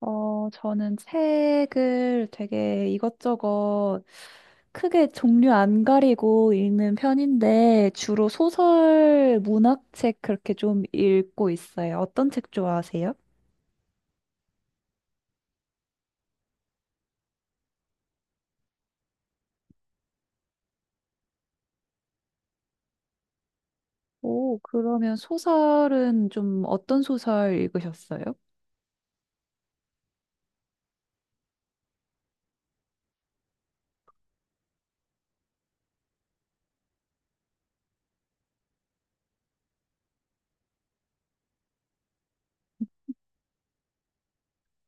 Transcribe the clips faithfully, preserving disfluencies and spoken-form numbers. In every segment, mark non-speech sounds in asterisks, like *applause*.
어, 저는 책을 되게 이것저것 크게 종류 안 가리고 읽는 편인데, 주로 소설, 문학책 그렇게 좀 읽고 있어요. 어떤 책 좋아하세요? 오, 그러면 소설은 좀 어떤 소설 읽으셨어요?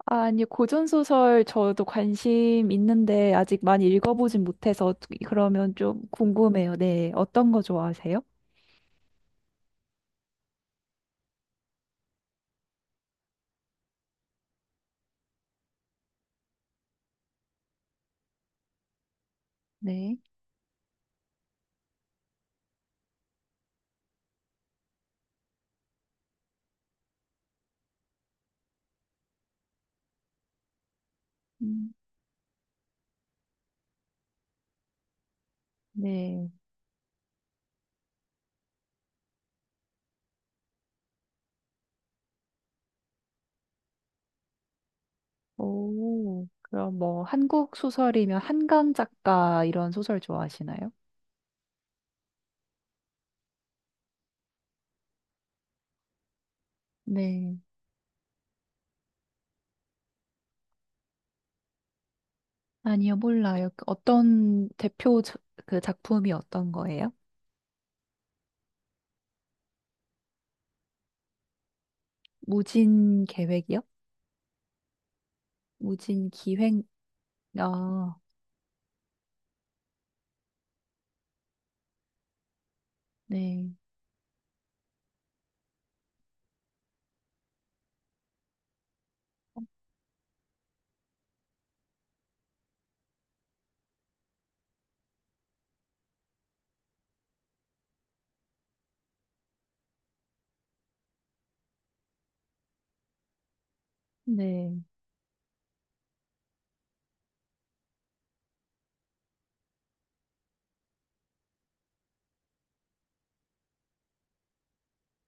아니, 고전 소설 저도 관심 있는데 아직 많이 읽어보진 못해서 그러면 좀 궁금해요. 네, 어떤 거 좋아하세요? 네. 음, 네. 오, 그럼 뭐 한국 소설이면 한강 작가 이런 소설 좋아하시나요? 네. 아니요, 몰라요. 그 어떤 대표 저- 그 작품이 어떤 거예요? 무진 계획이요? 무진 기획, 아, 네. 네.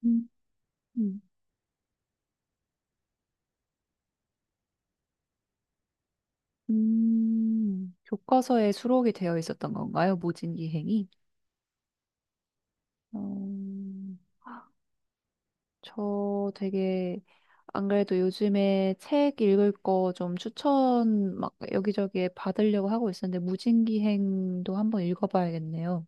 음, 음, 음, 교과서에 수록이 되어 있었던 건가요? 무진 기행이? 어, 저 되게 안 그래도 요즘에 책 읽을 거 좀 추천 막 여기저기에 받으려고 하고 있었는데 무진기행도 한번 읽어봐야겠네요.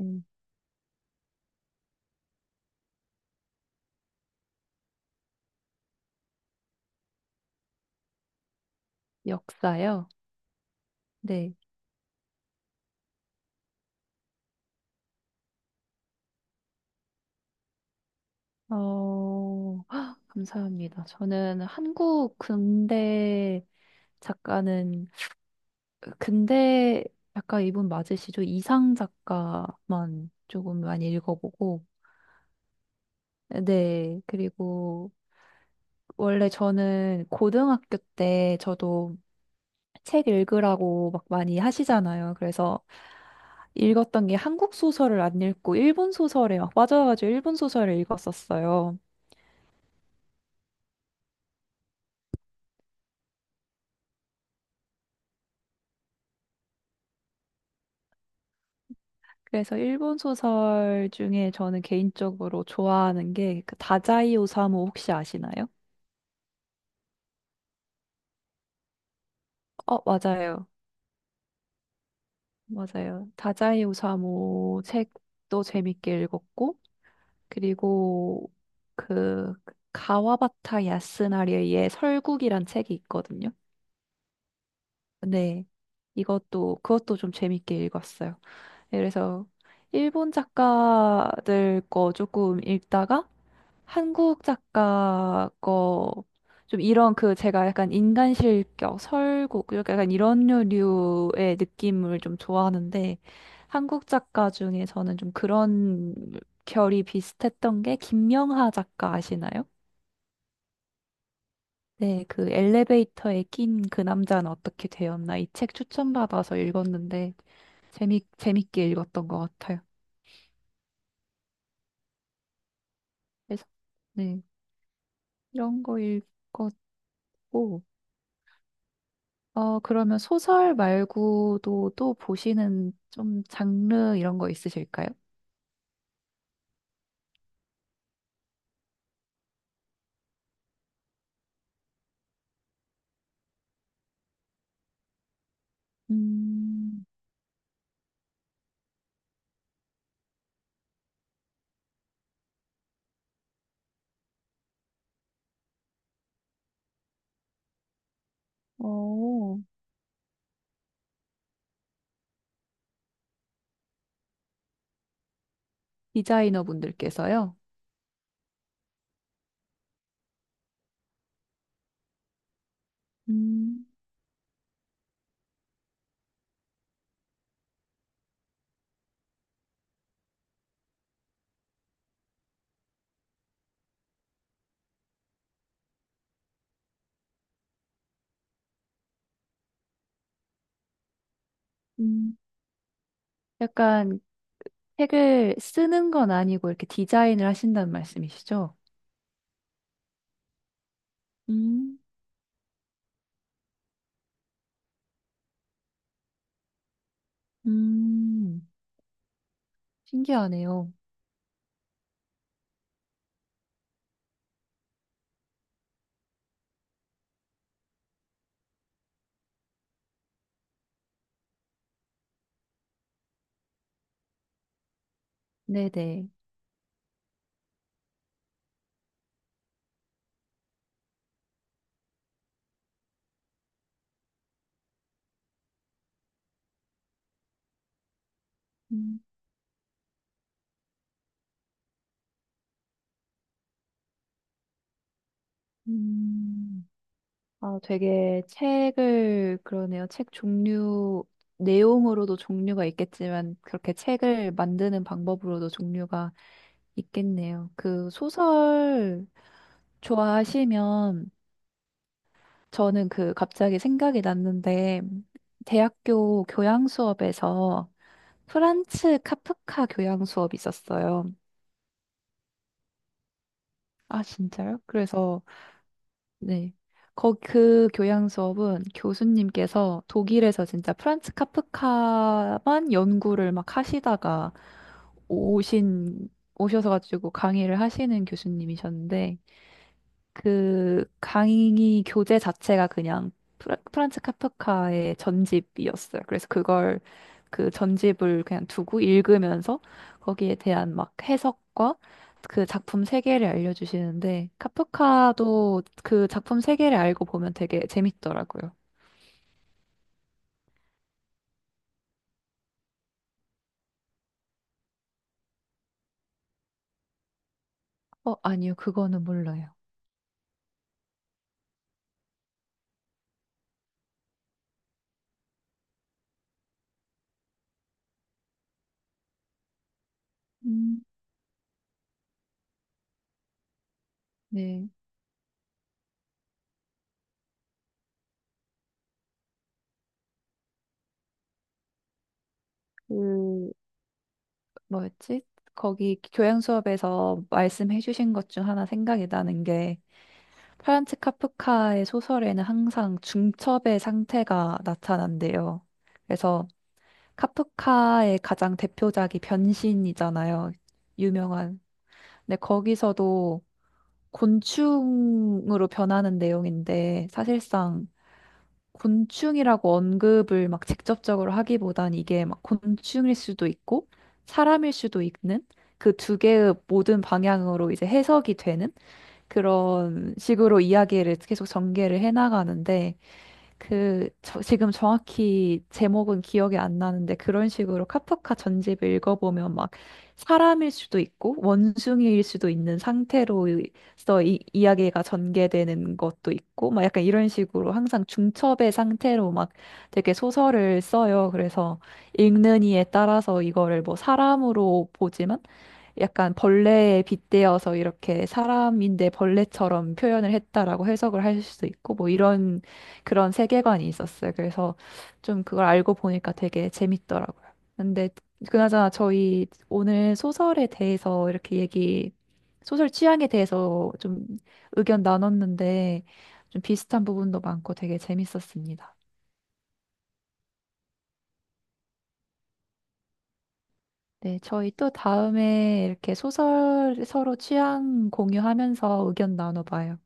음. 역사요? 네. 어, *gasps* 헉, 감사합니다. 저는 한국 근대 작가는 근대 작가 이분 맞으시죠? 이상 작가만 조금 많이 읽어보고 네. 그리고 원래 저는 고등학교 때 저도 책 읽으라고 막 많이 하시잖아요. 그래서 읽었던 게 한국 소설을 안 읽고 일본 소설에 막 빠져가지고 일본 소설을 읽었었어요. 그래서 일본 소설 중에 저는 개인적으로 좋아하는 게그 다자이 오사무 혹시 아시나요? 어, 맞아요. 맞아요. 다자이 오사무 책도 재밌게 읽었고, 그리고 그 가와바타 야스나리의 설국이란 책이 있거든요. 네. 이것도, 그것도 좀 재밌게 읽었어요. 네, 그래서 일본 작가들 거 조금 읽다가 한국 작가 거 좀 이런 그 제가 약간 인간 실격, 설국 약간 이런 류의 느낌을 좀 좋아하는데 한국 작가 중에 저는 좀 그런 결이 비슷했던 게 김명하 작가 아시나요? 네, 그 엘리베이터에 낀 그 남자는 어떻게 되었나 이 책 추천받아서 읽었는데 재미 재밌게 읽었던 것 같아요. 그래서 네. 이런 거 읽었고, 어, 그러면 소설 말고도 또 보시는 좀 장르 이런 거 있으실까요? 음, 오 디자이너 분들께서요? 음, 음, 약간 책을 쓰는 건 아니고 이렇게 디자인을 하신다는 말씀이시죠? 음, 음, 신기하네요. 네네. 음, 음. 아, 되게 책을, 그러네요. 책 종류, 내용으로도 종류가 있겠지만, 그렇게 책을 만드는 방법으로도 종류가 있겠네요. 그 소설 좋아하시면, 저는 그 갑자기 생각이 났는데, 대학교 교양 수업에서 프란츠 카프카 교양 수업이 있었어요. 아, 진짜요? 그래서 네. 거, 그 교양 수업은 교수님께서 독일에서 진짜 프란츠 카프카만 연구를 막 하시다가 오신, 오셔서 가지고 강의를 하시는 교수님이셨는데, 그 강의 교재 자체가 그냥 프라, 프란츠 카프카의 전집이었어요. 그래서 그걸 그 전집을 그냥 두고 읽으면서 거기에 대한 막 해석과 그 작품 세계를 알려주시는데 카프카도 그 작품 세계를 알고 보면 되게 재밌더라고요. 어, 아니요, 그거는 몰라요. 음. 네, 그 뭐였지? 거기 교양 수업에서 말씀해 주신 것 중 하나 생각이 나는 게 프란츠 카프카의 소설에는 항상 중첩의 상태가 나타난대요. 그래서 카프카의 가장 대표작이 변신이잖아요. 유명한. 근데 거기서도 곤충으로 변하는 내용인데 사실상 곤충이라고 언급을 막 직접적으로 하기보단 이게 막 곤충일 수도 있고 사람일 수도 있는 그 두 개의 모든 방향으로 이제 해석이 되는 그런 식으로 이야기를 계속 전개를 해나가는데, 그, 저- 지금 정확히 제목은 기억이 안 나는데, 그런 식으로 카프카 전집을 읽어보면 막 사람일 수도 있고, 원숭이일 수도 있는 상태로서 이, 이야기가 전개되는 것도 있고, 막 약간 이런 식으로 항상 중첩의 상태로 막 되게 소설을 써요. 그래서 읽는 이에 따라서 이거를 뭐 사람으로 보지만, 약간 벌레에 빗대어서 이렇게 사람인데 벌레처럼 표현을 했다라고 해석을 할 수도 있고 뭐 이런 그런 세계관이 있었어요. 그래서 좀 그걸 알고 보니까 되게 재밌더라고요. 근데 그나저나 저희 오늘 소설에 대해서 이렇게 얘기, 소설 취향에 대해서 좀 의견 나눴는데 좀 비슷한 부분도 많고 되게 재밌었습니다. 네, 저희 또 다음에 이렇게 소설 서로 취향 공유하면서 의견 나눠봐요.